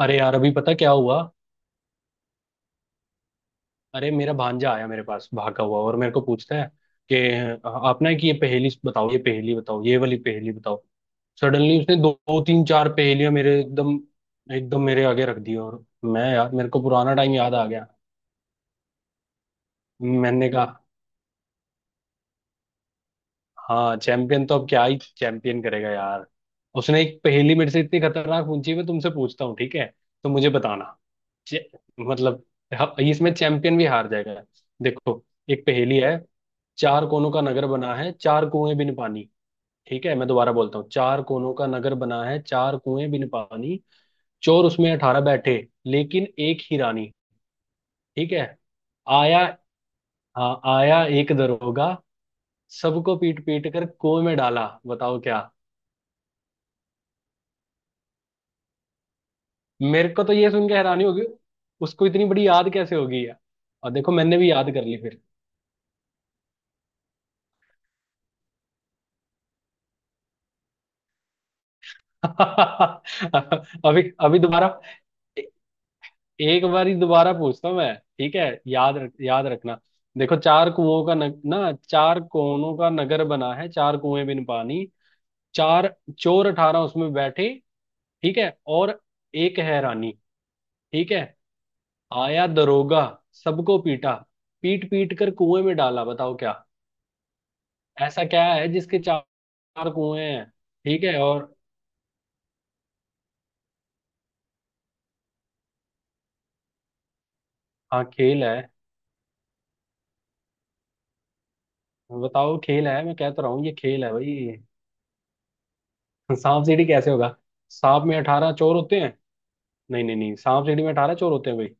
अरे यार, अभी पता क्या हुआ। अरे मेरा भांजा आया मेरे पास भागा हुआ और मेरे को पूछता है कि आप ना, कि ये पहेली बताओ, ये पहेली बताओ, ये वाली पहेली बताओ। सडनली उसने दो तीन चार पहेलियां मेरे एकदम एकदम मेरे आगे रख दी, और मैं, यार मेरे को पुराना टाइम याद आ गया। मैंने कहा हाँ, चैंपियन तो अब क्या ही चैंपियन करेगा यार। उसने एक पहेली मेरे से इतनी खतरनाक पूछी, मैं तुमसे पूछता हूँ, ठीक है तो मुझे बताना। चे- मतलब हाँ, इसमें चैंपियन भी हार जाएगा। देखो, एक पहेली है। चार कोनों का नगर बना है, चार कुएं बिन पानी। ठीक है, मैं दोबारा बोलता हूँ। चार कोनों का नगर बना है, चार कुएं बिन पानी। चोर उसमें अठारह बैठे, लेकिन एक ही रानी। ठीक है। आया, हाँ आया एक दरोगा। सबको पीट पीट कर कुएं में डाला, बताओ क्या। मेरे को तो ये सुन के हैरानी होगी, उसको इतनी बड़ी याद कैसे होगी। और देखो, मैंने भी याद कर ली फिर। अभी अभी दोबारा, एक बारी दोबारा पूछता हूँ मैं, ठीक है, याद रख, याद रखना। देखो, चार कुओं का न, ना चार कोनों का नगर बना है, चार कुएं बिन पानी। चार, चोर अठारह उसमें बैठे, ठीक है। और एक है रानी, ठीक है। आया दरोगा, सबको पीटा, पीट पीट कर कुएं में डाला, बताओ क्या। ऐसा क्या है जिसके चार कुएं हैं, ठीक है। और हाँ, खेल है। बताओ, खेल है, मैं कहता रहा हूँ ये खेल है भाई। सांप सीढ़ी कैसे होगा। सांप में अठारह चोर होते हैं। नहीं नहीं नहीं, सांप सीढ़ी में अठारह चोर होते हैं भाई।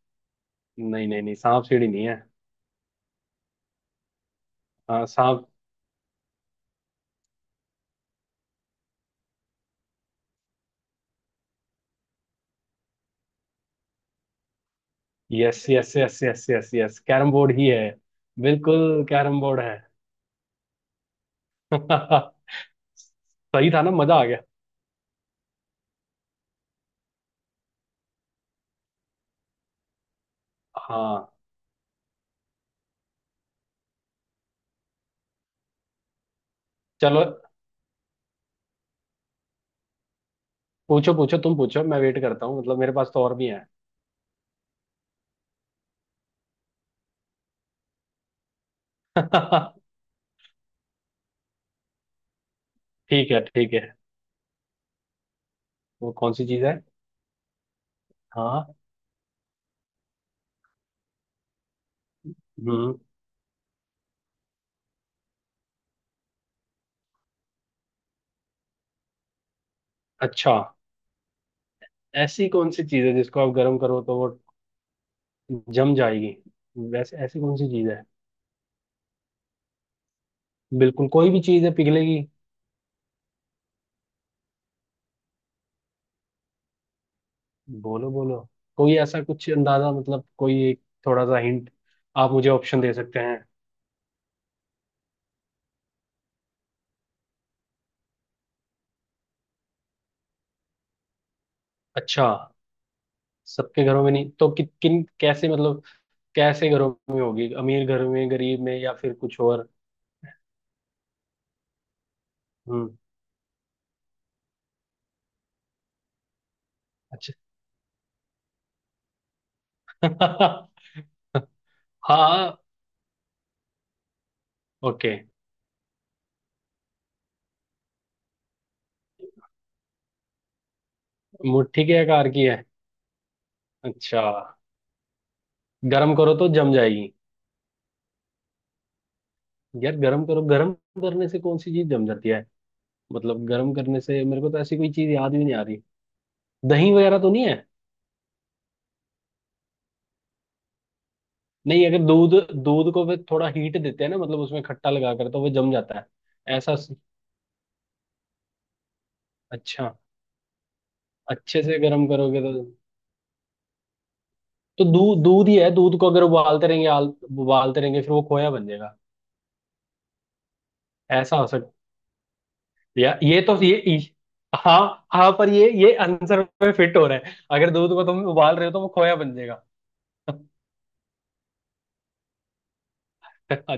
नहीं नहीं नहीं, सांप सीढ़ी नहीं है। हाँ सांप। Yes yes yes yes yes yes, carrom board ही है। बिल्कुल कैरम बोर्ड है। सही था ना, मजा आ गया। हाँ चलो, पूछो पूछो, तुम पूछो, मैं वेट करता हूँ, मतलब मेरे पास तो और भी है। ठीक है। वो कौन सी चीज है। हाँ। हम्म। अच्छा, ऐसी कौन सी चीज है जिसको आप गर्म करो तो वो जम जाएगी। वैसे ऐसी कौन सी चीज है। बिल्कुल, कोई भी चीज है पिघलेगी। बोलो बोलो, कोई ऐसा कुछ अंदाजा, मतलब कोई एक थोड़ा सा हिंट आप मुझे ऑप्शन दे सकते हैं। अच्छा, सबके घरों में नहीं तो किन कैसे, मतलब कैसे घरों में होगी, अमीर घर में, गरीब में या फिर कुछ और। हम्म। अच्छा। हाँ ओके। मुट्ठी के आकार की है। अच्छा। गरम करो तो जम जाएगी। यार गरम करो, गरम करने से कौन सी चीज जम जाती है। मतलब गरम करने से मेरे को तो ऐसी कोई चीज याद भी नहीं आ रही। दही वगैरह तो नहीं है। नहीं, अगर दूध, दूध को फिर थोड़ा हीट देते हैं ना, मतलब उसमें खट्टा लगा कर, तो वो जम जाता है। ऐसा स- अच्छा, अच्छे से गर्म करोगे तो। तो दूध, दूध ही है। दूध को अगर उबालते रहेंगे, उबालते रहेंगे, फिर वो खोया बन जाएगा। ऐसा हो सकता। या ये तो ये ई- हाँ हाँ, पर ये आंसर पे फिट हो रहा है, अगर दूध को तुम उबाल रहे हो तो वो खोया बन जाएगा। अच्छा,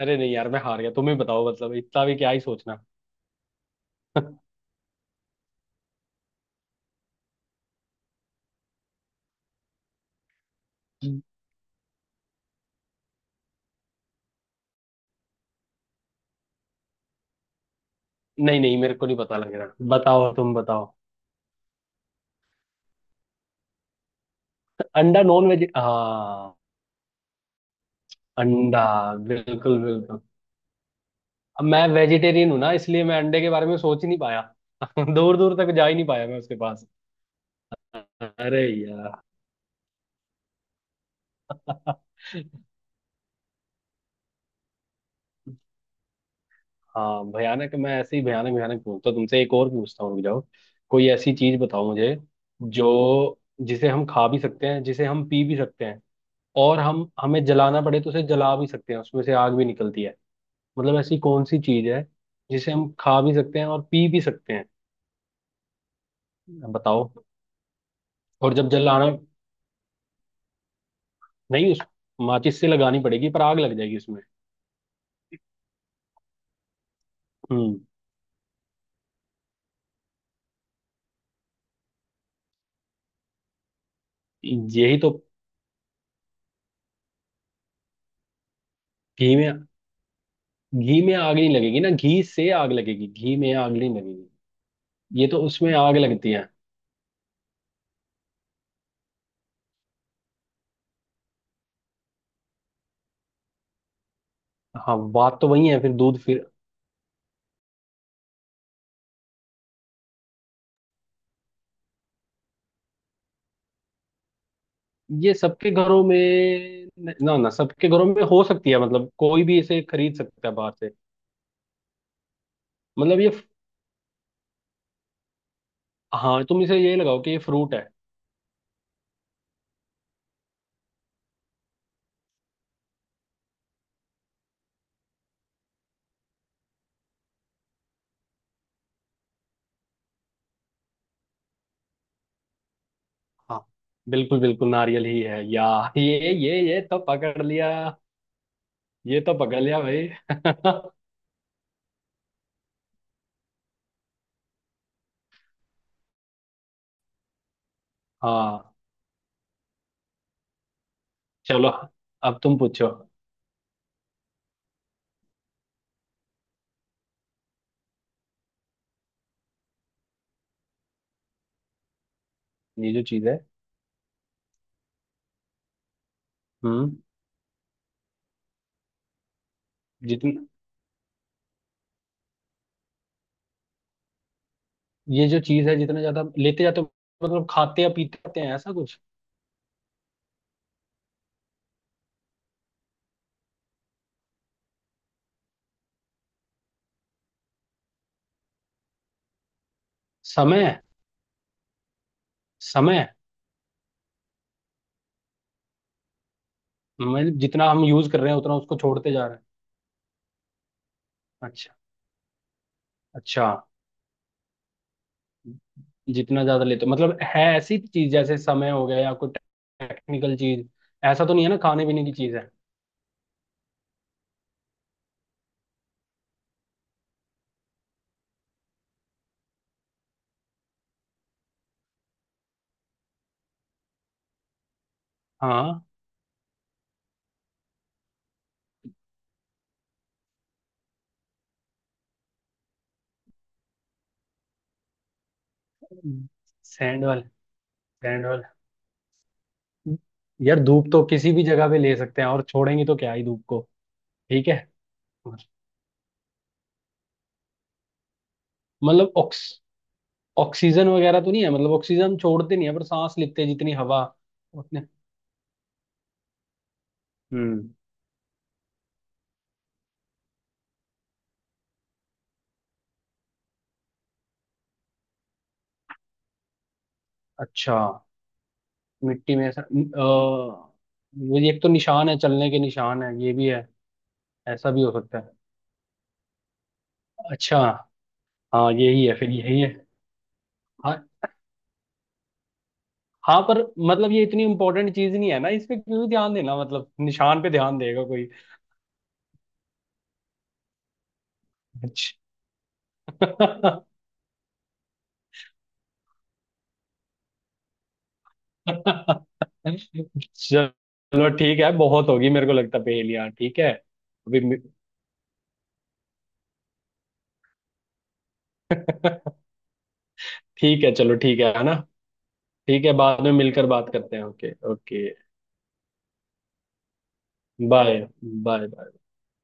अरे नहीं यार, मैं हार गया, तुम ही बताओ, मतलब इतना भी क्या ही सोचना। नहीं नहीं, मेरे को नहीं पता लग रहा, बताओ, तुम बताओ। अंडा, नॉन वेज, हाँ। अंडा, बिल्कुल बिल्कुल। अब मैं वेजिटेरियन हूं ना, इसलिए मैं अंडे के बारे में सोच ही नहीं पाया। दूर दूर तक जा ही नहीं पाया मैं उसके पास। अरे यार। हाँ भयानक, मैं ऐसे ही भयानक भयानक पूछता हूँ तुमसे, एक और पूछता हूँ, रुक जाओ। कोई ऐसी चीज बताओ मुझे जो, जिसे हम खा भी सकते हैं, जिसे हम पी भी सकते हैं, और हम, हमें जलाना पड़े तो उसे जला भी सकते हैं, उसमें से आग भी निकलती है। मतलब ऐसी कौन सी चीज है जिसे हम खा भी सकते हैं और पी भी सकते हैं। बताओ। और जब जलाना, नहीं उस माचिस से लगानी पड़ेगी, पर आग लग जाएगी उसमें। हम्म। यही तो। घी में, घी में आग नहीं लगेगी ना, घी से आग लगेगी, घी में आग नहीं लगेगी। ये तो उसमें आग लगती है। हाँ, बात तो वही है फिर, दूध फिर। ये सबके घरों में ना, ना सबके घरों में हो सकती है, मतलब कोई भी इसे खरीद सकता है बाहर से। मतलब ये, हाँ तुम इसे ये लगाओ कि ये फ्रूट है। हाँ बिल्कुल बिल्कुल, नारियल ही है, या। ये तो पकड़ लिया, ये तो पकड़ लिया भाई। हाँ चलो, अब तुम पूछो। ये जो चीज है। हम्म। जितनी, ये जो चीज है, जितना ज्यादा लेते जाते हो, मतलब खाते या पीते रहते हैं, ऐसा कुछ। समय। समय, मतलब जितना हम यूज कर रहे हैं उतना उसको छोड़ते जा रहे हैं। अच्छा। अच्छा, जितना ज्यादा लेते हो, मतलब है ऐसी चीज जैसे समय हो गया या कोई टेक्निकल चीज। ऐसा तो नहीं है ना, खाने पीने की चीज है। हाँ। सैंड वाले। सैंड वाले, यार धूप तो किसी भी जगह पे ले सकते हैं, और छोड़ेंगे तो क्या ही धूप को। ठीक है, मतलब ऑक्सीजन वगैरह तो नहीं है, मतलब ऑक्सीजन हम छोड़ते नहीं है पर सांस लेते हैं, जितनी हवा उतने। हम्म। अच्छा, मिट्टी में ऐसा, वो ये एक तो निशान है, चलने के निशान है, ये भी है, ऐसा भी हो सकता है। अच्छा। हाँ, यही है फिर, यही है। हाँ हाँ, पर मतलब ये इतनी इंपॉर्टेंट चीज नहीं है ना, इस पे क्यों ध्यान देना, मतलब निशान पे ध्यान देगा कोई। अच्छा। चलो ठीक है, बहुत होगी मेरे को लगता पहेलियाँ, ठीक है अभी। मि- ठीक है, चलो ठीक है ना। ठीक है, बाद में मिलकर बात करते हैं, ओके ओके। बाय। बाय।